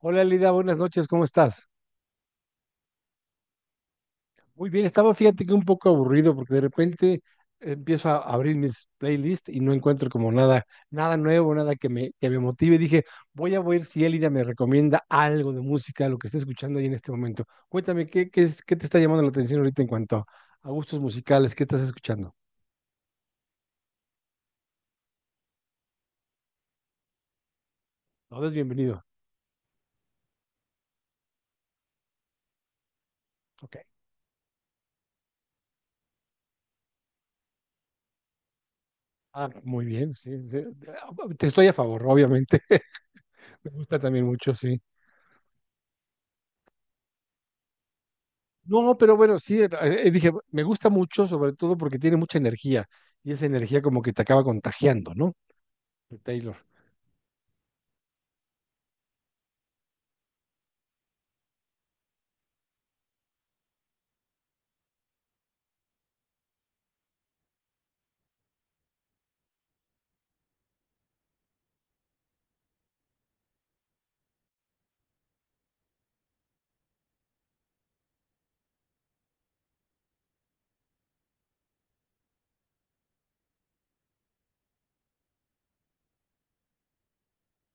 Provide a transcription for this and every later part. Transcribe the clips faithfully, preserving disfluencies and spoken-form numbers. Hola Lida, buenas noches, ¿cómo estás? Muy bien, estaba fíjate que un poco aburrido porque de repente empiezo a abrir mis playlists y no encuentro como nada, nada nuevo, nada que me, que me motive. Dije, voy a ver si Elida me recomienda algo de música, lo que esté escuchando ahí en este momento. Cuéntame, ¿qué, qué, es- qué te está llamando la atención ahorita en cuanto a gustos musicales? ¿Qué estás escuchando? Todo es bienvenido. Ok. Ah, muy bien, sí, sí. Te estoy a favor, obviamente. Me gusta también mucho, sí. No, pero bueno, sí, eh, eh, dije, me gusta mucho, sobre todo porque tiene mucha energía y esa energía como que te acaba contagiando, ¿no? De Taylor.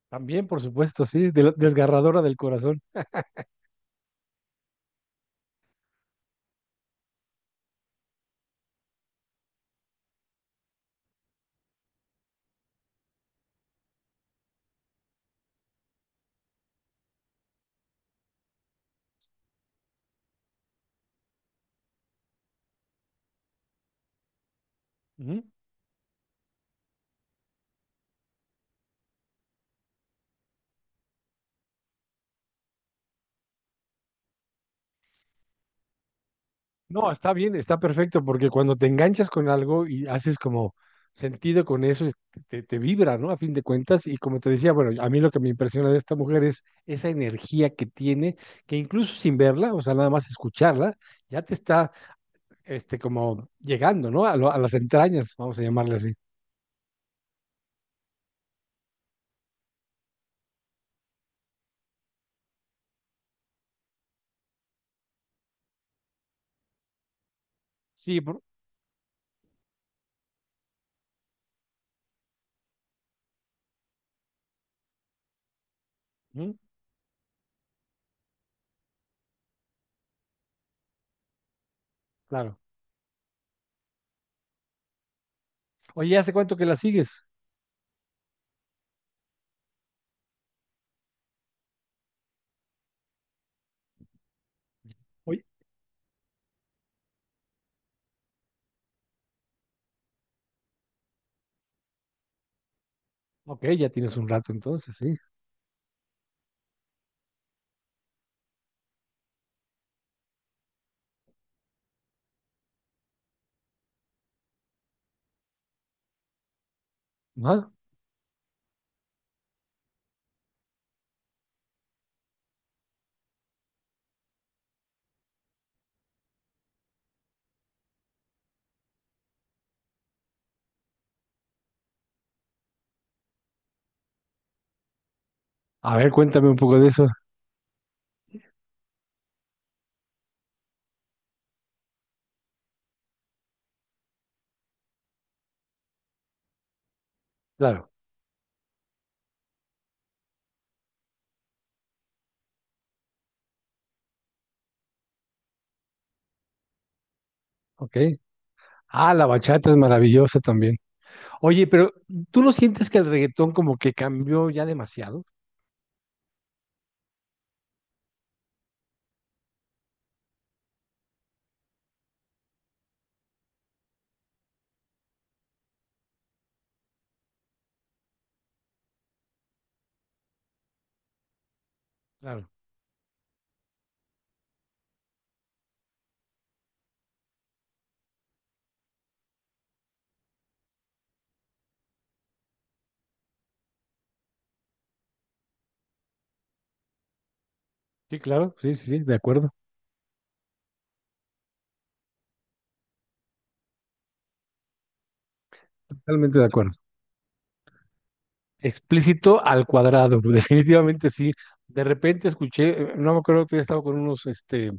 También, por supuesto, sí, de la- desgarradora del corazón. Ujú. No, está bien, está perfecto porque cuando te enganchas con algo y haces como sentido con eso, es- te, te vibra, ¿no? A fin de cuentas, y como te decía, bueno, a mí lo que me impresiona de esta mujer es esa energía que tiene, que incluso sin verla, o sea, nada más escucharla, ya te está este, como llegando, ¿no? A, lo- a las entrañas, vamos a llamarle así. Sí, por- ujú, claro. Oye, ¿hace cuánto que la sigues? Oye, ok, ya tienes un rato entonces, sí. Ajá. A ver, cuéntame un poco de eso. Claro, ok. Ah, la bachata es maravillosa también. Oye, pero ¿tú no sientes que el reggaetón como que cambió ya demasiado? Claro. Sí, claro, sí, sí, sí, de acuerdo. Totalmente de acuerdo. Explícito al cuadrado, definitivamente sí. De repente escuché, eh, no me acuerdo que estaba con unos este,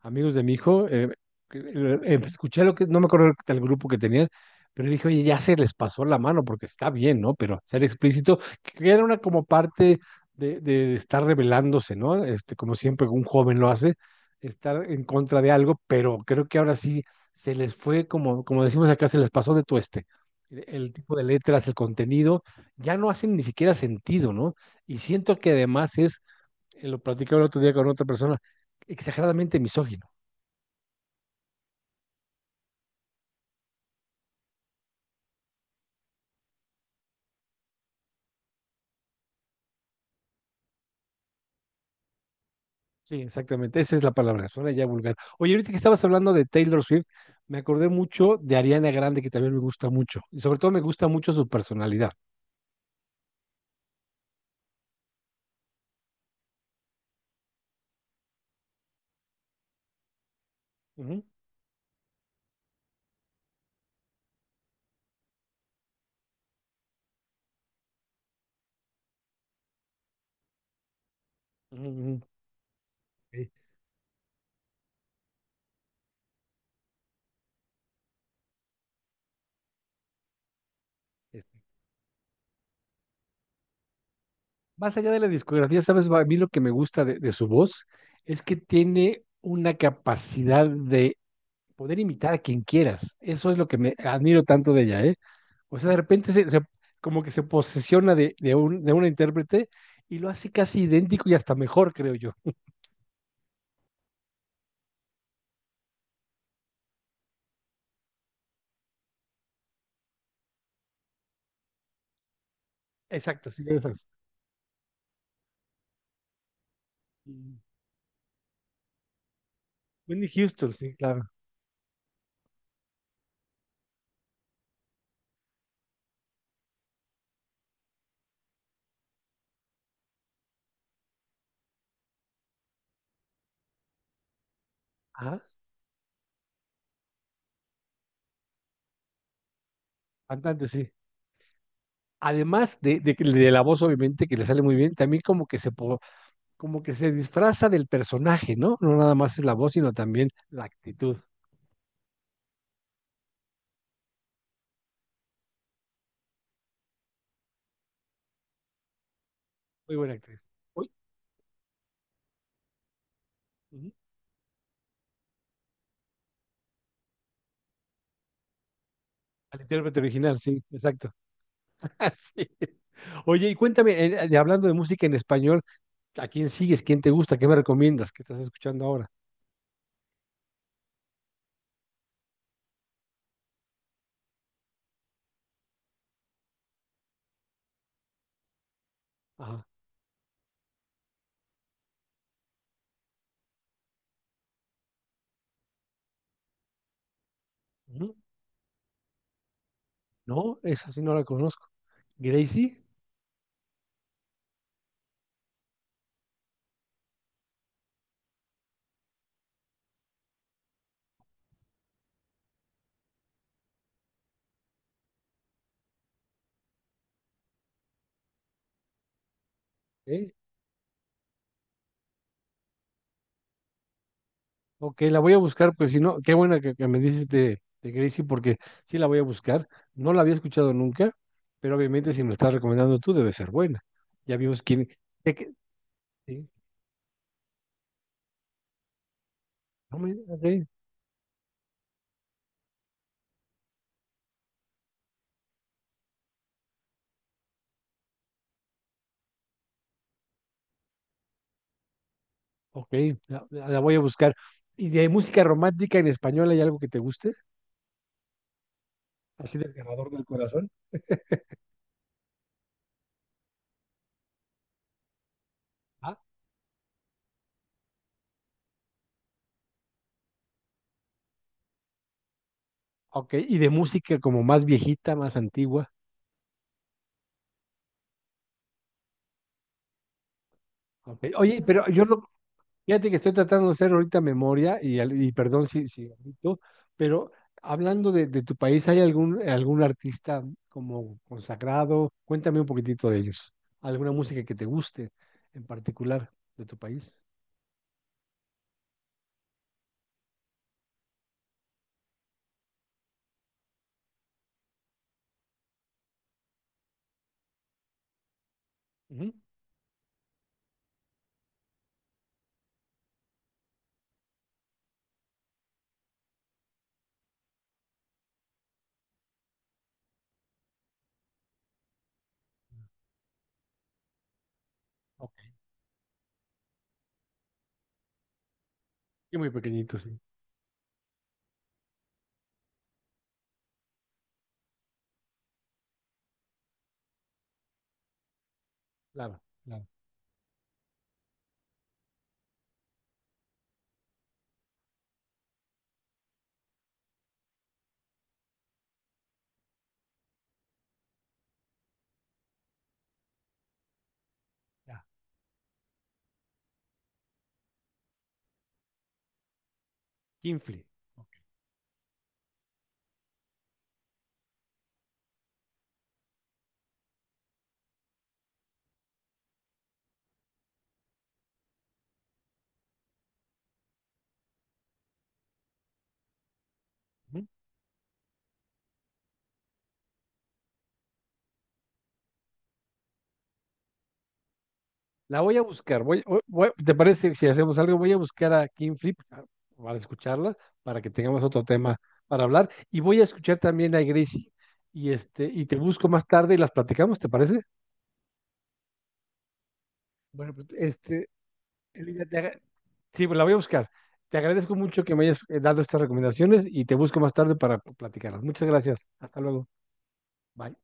amigos de mi hijo, eh, que, eh, eh, escuché lo que, no me acuerdo del grupo que tenían, pero dije, oye, ya se les pasó la mano porque está bien, ¿no? Pero ser explícito, que era una como parte de, de estar rebelándose, ¿no? Este, como siempre un joven lo hace, estar en contra de algo, pero creo que ahora sí se les fue, como, como decimos acá, se les pasó de tueste. El el tipo de letras, el contenido ya no hacen ni siquiera sentido, ¿no? Y siento que además es, eh, lo platicaba el otro día con otra persona, exageradamente misógino. Sí, exactamente, esa es la palabra, suena ya vulgar. Oye, ahorita que estabas hablando de Taylor Swift, me acordé mucho de Ariana Grande, que también me gusta mucho, y sobre todo me gusta mucho su personalidad. Ujú, ujú, ujú. Sí, es- Más allá de la discografía, ¿sabes? A mí lo que me gusta de, de su voz es que tiene una capacidad de poder imitar a quien quieras. Eso es lo que me admiro tanto de ella, ¿eh? O sea, de repente se, se- como que se posesiona de, de un, de un intérprete y lo hace casi idéntico y hasta mejor, creo yo. Exacto, sí, de esas. Mm. Whitney Houston, sí, claro. Ajá, cantante, sí. Además de, de, que- de la voz, obviamente, que le sale muy bien, también como que se po- como que se disfraza del personaje, ¿no? No nada más es la voz, sino también la actitud. Muy buena actriz. Uy, ujú, al intérprete original, sí, exacto. Sí. Oye, y cuéntame, eh, eh, hablando de música en español, ¿a quién sigues? ¿Quién te gusta? ¿Qué me recomiendas? ¿Qué estás escuchando ahora? Ajá. Ujú. No, esa sí no la conozco. Gracie, ¿eh? Ok, la voy a buscar, pues si no, qué buena que, que me dices de, de Gracie, porque sí la voy a buscar. No la había escuchado nunca, pero obviamente si me la estás recomendando tú, debe ser buena. Ya vimos quién. De qué- sí, no me- ok, ok, la, la- la voy a buscar. ¿Y de música romántica en español hay algo que te guste? Así de. Ah, ok, y de música como más viejita, más antigua. Ok. Oye, pero yo lo, fíjate que estoy tratando de hacer ahorita memoria y, al- y perdón si, si omito, pero hablando de, de tu país, ¿hay algún, algún artista como consagrado? Cuéntame un poquitito de ellos. ¿Alguna música que te guste en particular de tu país? Ujú. Ok. Y muy pequeñito, sí. Claro, claro. Ya. Kinfly. Ok. La voy a buscar. Voy, voy- ¿te parece si hacemos algo? Voy a buscar a King Flip a- para escucharla, para que tengamos otro tema para hablar. Y voy a escuchar también a Gracie y este, y te busco más tarde y las platicamos, ¿te parece? Bueno, pues, este, Elena, te agra- sí, pues la voy a buscar. Te agradezco mucho que me hayas eh, dado estas recomendaciones y te busco más tarde para platicarlas. Muchas gracias. Hasta luego. Bye.